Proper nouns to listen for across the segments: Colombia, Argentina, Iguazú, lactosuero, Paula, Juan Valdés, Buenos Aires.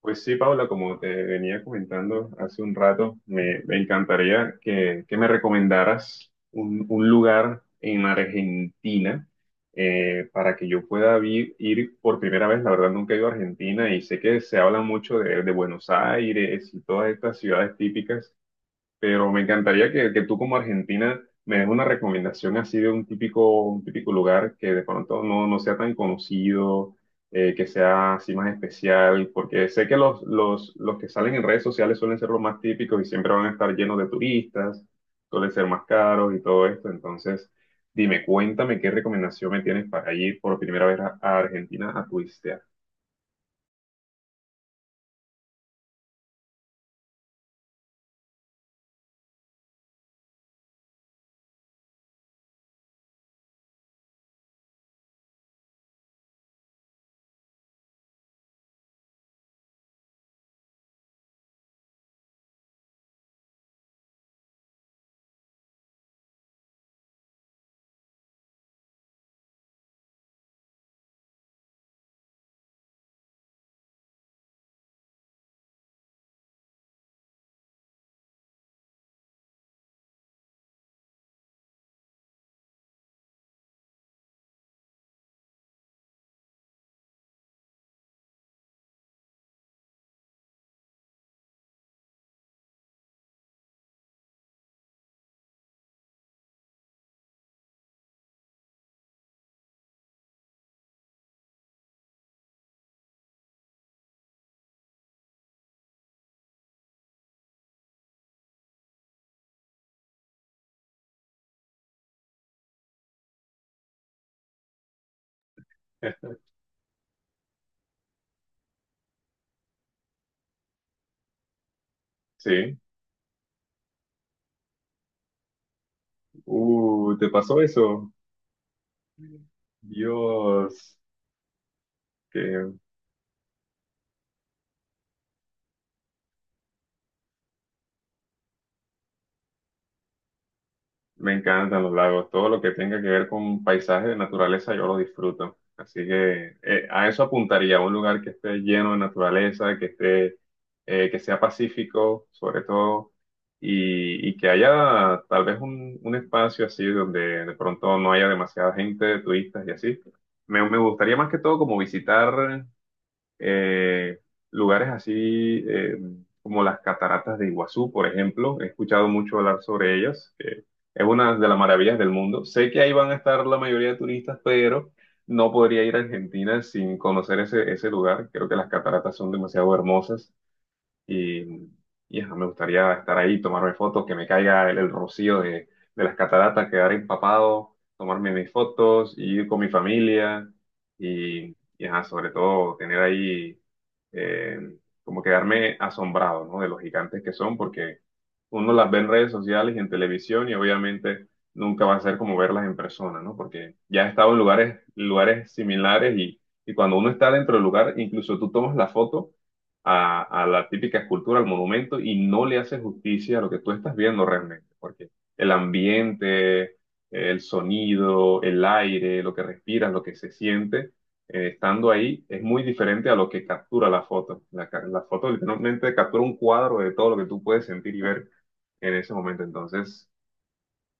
Pues sí, Paula, como te venía comentando hace un rato, me encantaría que me recomendaras un lugar en Argentina para que yo pueda ir por primera vez. La verdad, nunca he ido a Argentina y sé que se habla mucho de Buenos Aires y todas estas ciudades típicas, pero me encantaría que tú como argentina me des una recomendación así de un típico lugar que de pronto no sea tan conocido, que sea así más especial, porque sé que los que salen en redes sociales suelen ser los más típicos y siempre van a estar llenos de turistas, suelen ser más caros y todo esto, entonces dime, cuéntame qué recomendación me tienes para ir por primera vez a Argentina a turistear. Sí, ¿te pasó eso? Dios, que me encantan los lagos, todo lo que tenga que ver con paisaje de naturaleza yo lo disfruto. Así que a eso apuntaría, un lugar que esté lleno de naturaleza, que esté, que sea pacífico sobre todo, y que haya tal vez un espacio así donde de pronto no haya demasiada gente, turistas y así. Me gustaría más que todo como visitar eh, lugares así como las cataratas de Iguazú, por ejemplo. He escuchado mucho hablar sobre ellas, que es una de las maravillas del mundo. Sé que ahí van a estar la mayoría de turistas, pero no podría ir a Argentina sin conocer ese, ese lugar. Creo que las cataratas son demasiado hermosas. Y, y ajá, me gustaría estar ahí, tomarme fotos, que me caiga el rocío de las cataratas, quedar empapado, tomarme mis fotos, y ir con mi familia y ajá, sobre todo tener ahí eh, como quedarme asombrado, ¿no? De los gigantes que son, porque uno las ve en redes sociales y en televisión y obviamente nunca va a ser como verlas en persona, ¿no? Porque ya he estado en lugares, lugares similares y cuando uno está dentro del lugar, incluso tú tomas la foto a la típica escultura, al monumento, y no le hace justicia a lo que tú estás viendo realmente, porque el ambiente, el sonido, el aire, lo que respiras, lo que se siente, estando ahí, es muy diferente a lo que captura la foto. La foto literalmente captura un cuadro de todo lo que tú puedes sentir y ver en ese momento. Entonces,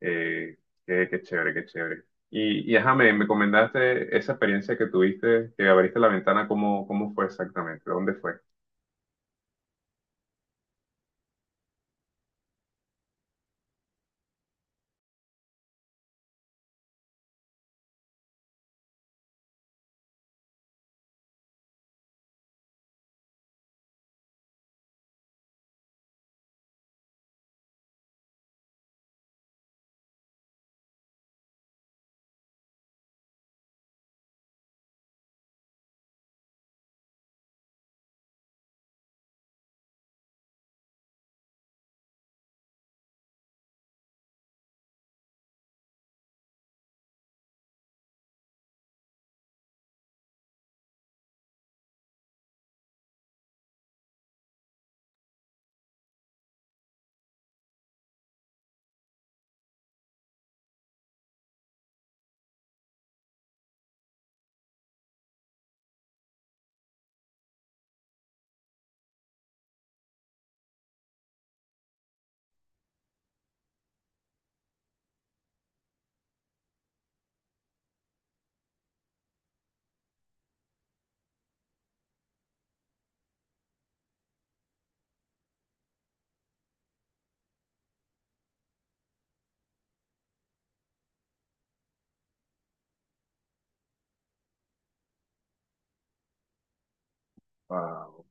eh, qué, qué chévere, qué chévere. Y ajá, me comentaste esa experiencia que tuviste, que abriste la ventana, ¿cómo, cómo fue exactamente? ¿Dónde fue? Wow.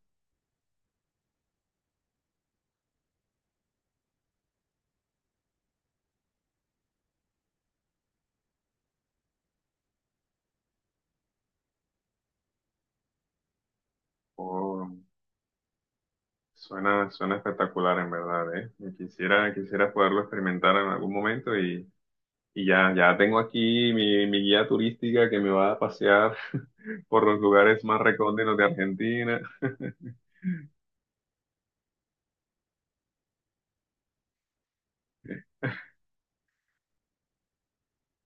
Oh, suena, suena espectacular en verdad, ¿eh? Y quisiera, quisiera poderlo experimentar en algún momento y ya, ya tengo aquí mi, mi guía turística que me va a pasear por los lugares más recónditos de Argentina.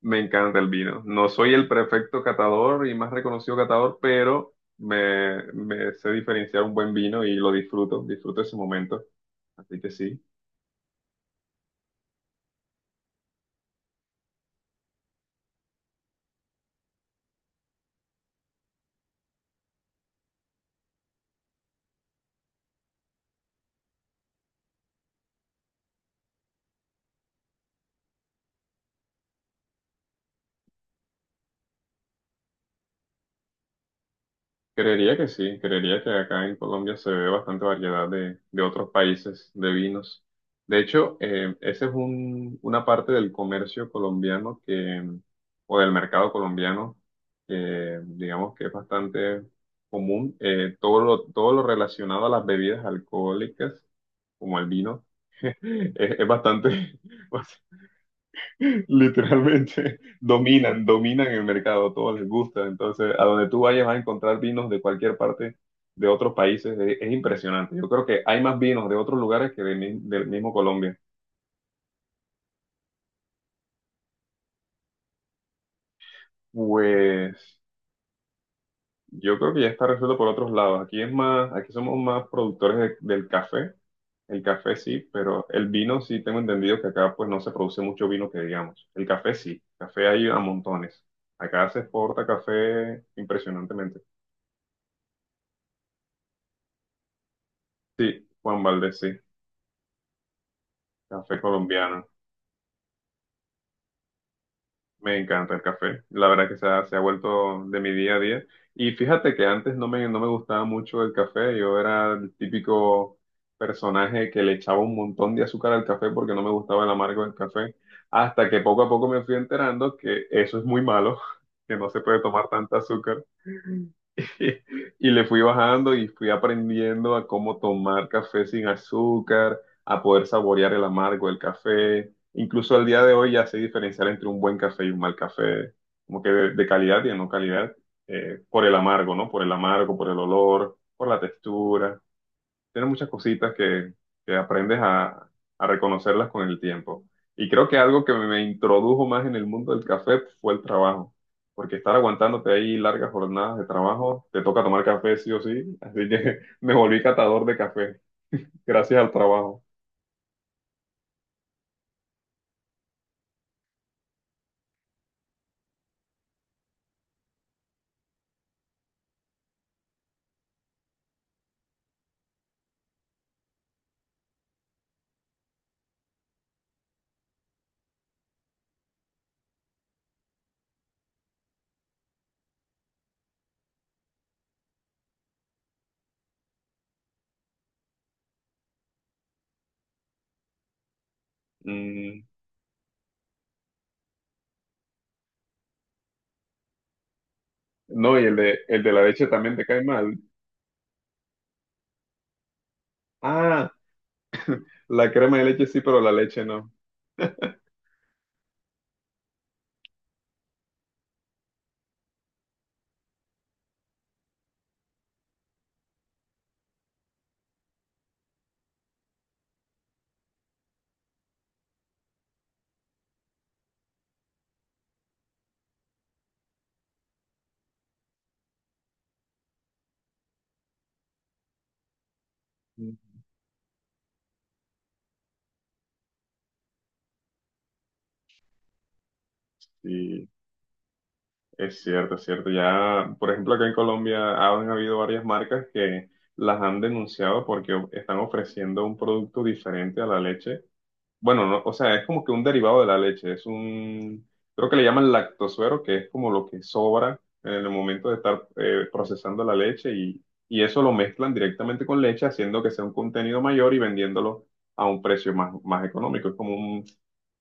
Me encanta el vino. No soy el perfecto catador y más reconocido catador, pero me sé diferenciar un buen vino y lo disfruto, disfruto ese momento. Así que sí. Creería que sí, creería que acá en Colombia se ve bastante variedad de otros países de vinos. De hecho, esa es una parte del comercio colombiano que, o del mercado colombiano, que digamos que es bastante común. Todo lo relacionado a las bebidas alcohólicas, como el vino, es bastante, literalmente dominan, dominan el mercado, a todos les gusta. Entonces, a donde tú vayas vas a encontrar vinos de cualquier parte de otros países. Es impresionante. Yo creo que hay más vinos de otros lugares que de del mismo Colombia. Pues yo creo que ya está resuelto por otros lados. Aquí es más, aquí somos más productores del café. El café sí, pero el vino sí tengo entendido que acá pues no se produce mucho vino que digamos. El café sí, café hay a montones. Acá se exporta café impresionantemente. Sí, Juan Valdés, sí. Café colombiano. Me encanta el café. La verdad que se ha vuelto de mi día a día. Y fíjate que antes no no me gustaba mucho el café. Yo era el típico personaje que le echaba un montón de azúcar al café porque no me gustaba el amargo del café. Hasta que poco a poco me fui enterando que eso es muy malo, que no se puede tomar tanta azúcar. Y le fui bajando y fui aprendiendo a cómo tomar café sin azúcar, a poder saborear el amargo del café. Incluso al día de hoy ya sé diferenciar entre un buen café y un mal café, como que de calidad y de no calidad, por el amargo, ¿no? Por el amargo, por el olor, por la textura tiene muchas cositas que aprendes a reconocerlas con el tiempo. Y creo que algo que me introdujo más en el mundo del café fue el trabajo, porque estar aguantándote ahí largas jornadas de trabajo, te toca tomar café sí o sí, así que me volví catador de café, gracias al trabajo. Mm, no, y el de la leche también te cae mal. Ah, la crema de leche sí, pero la leche no. Y es cierto, es cierto. Ya, por ejemplo, acá en Colombia han habido varias marcas que las han denunciado porque están ofreciendo un producto diferente a la leche, bueno, no, o sea, es como que un derivado de la leche, es un, creo que le llaman lactosuero, que es como lo que sobra en el momento de estar procesando la leche y eso lo mezclan directamente con leche, haciendo que sea un contenido mayor y vendiéndolo a un precio más, más económico. Es como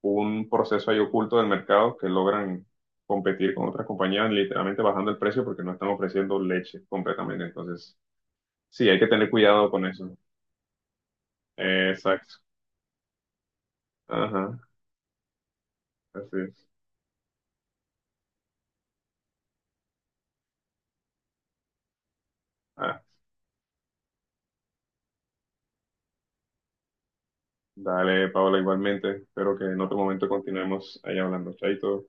un proceso ahí oculto del mercado que logran competir con otras compañías, literalmente bajando el precio porque no están ofreciendo leche completamente. Entonces, sí, hay que tener cuidado con eso. Exacto. Ajá, así es. Dale, Paola, igualmente. Espero que en otro momento continuemos ahí hablando. Chaito.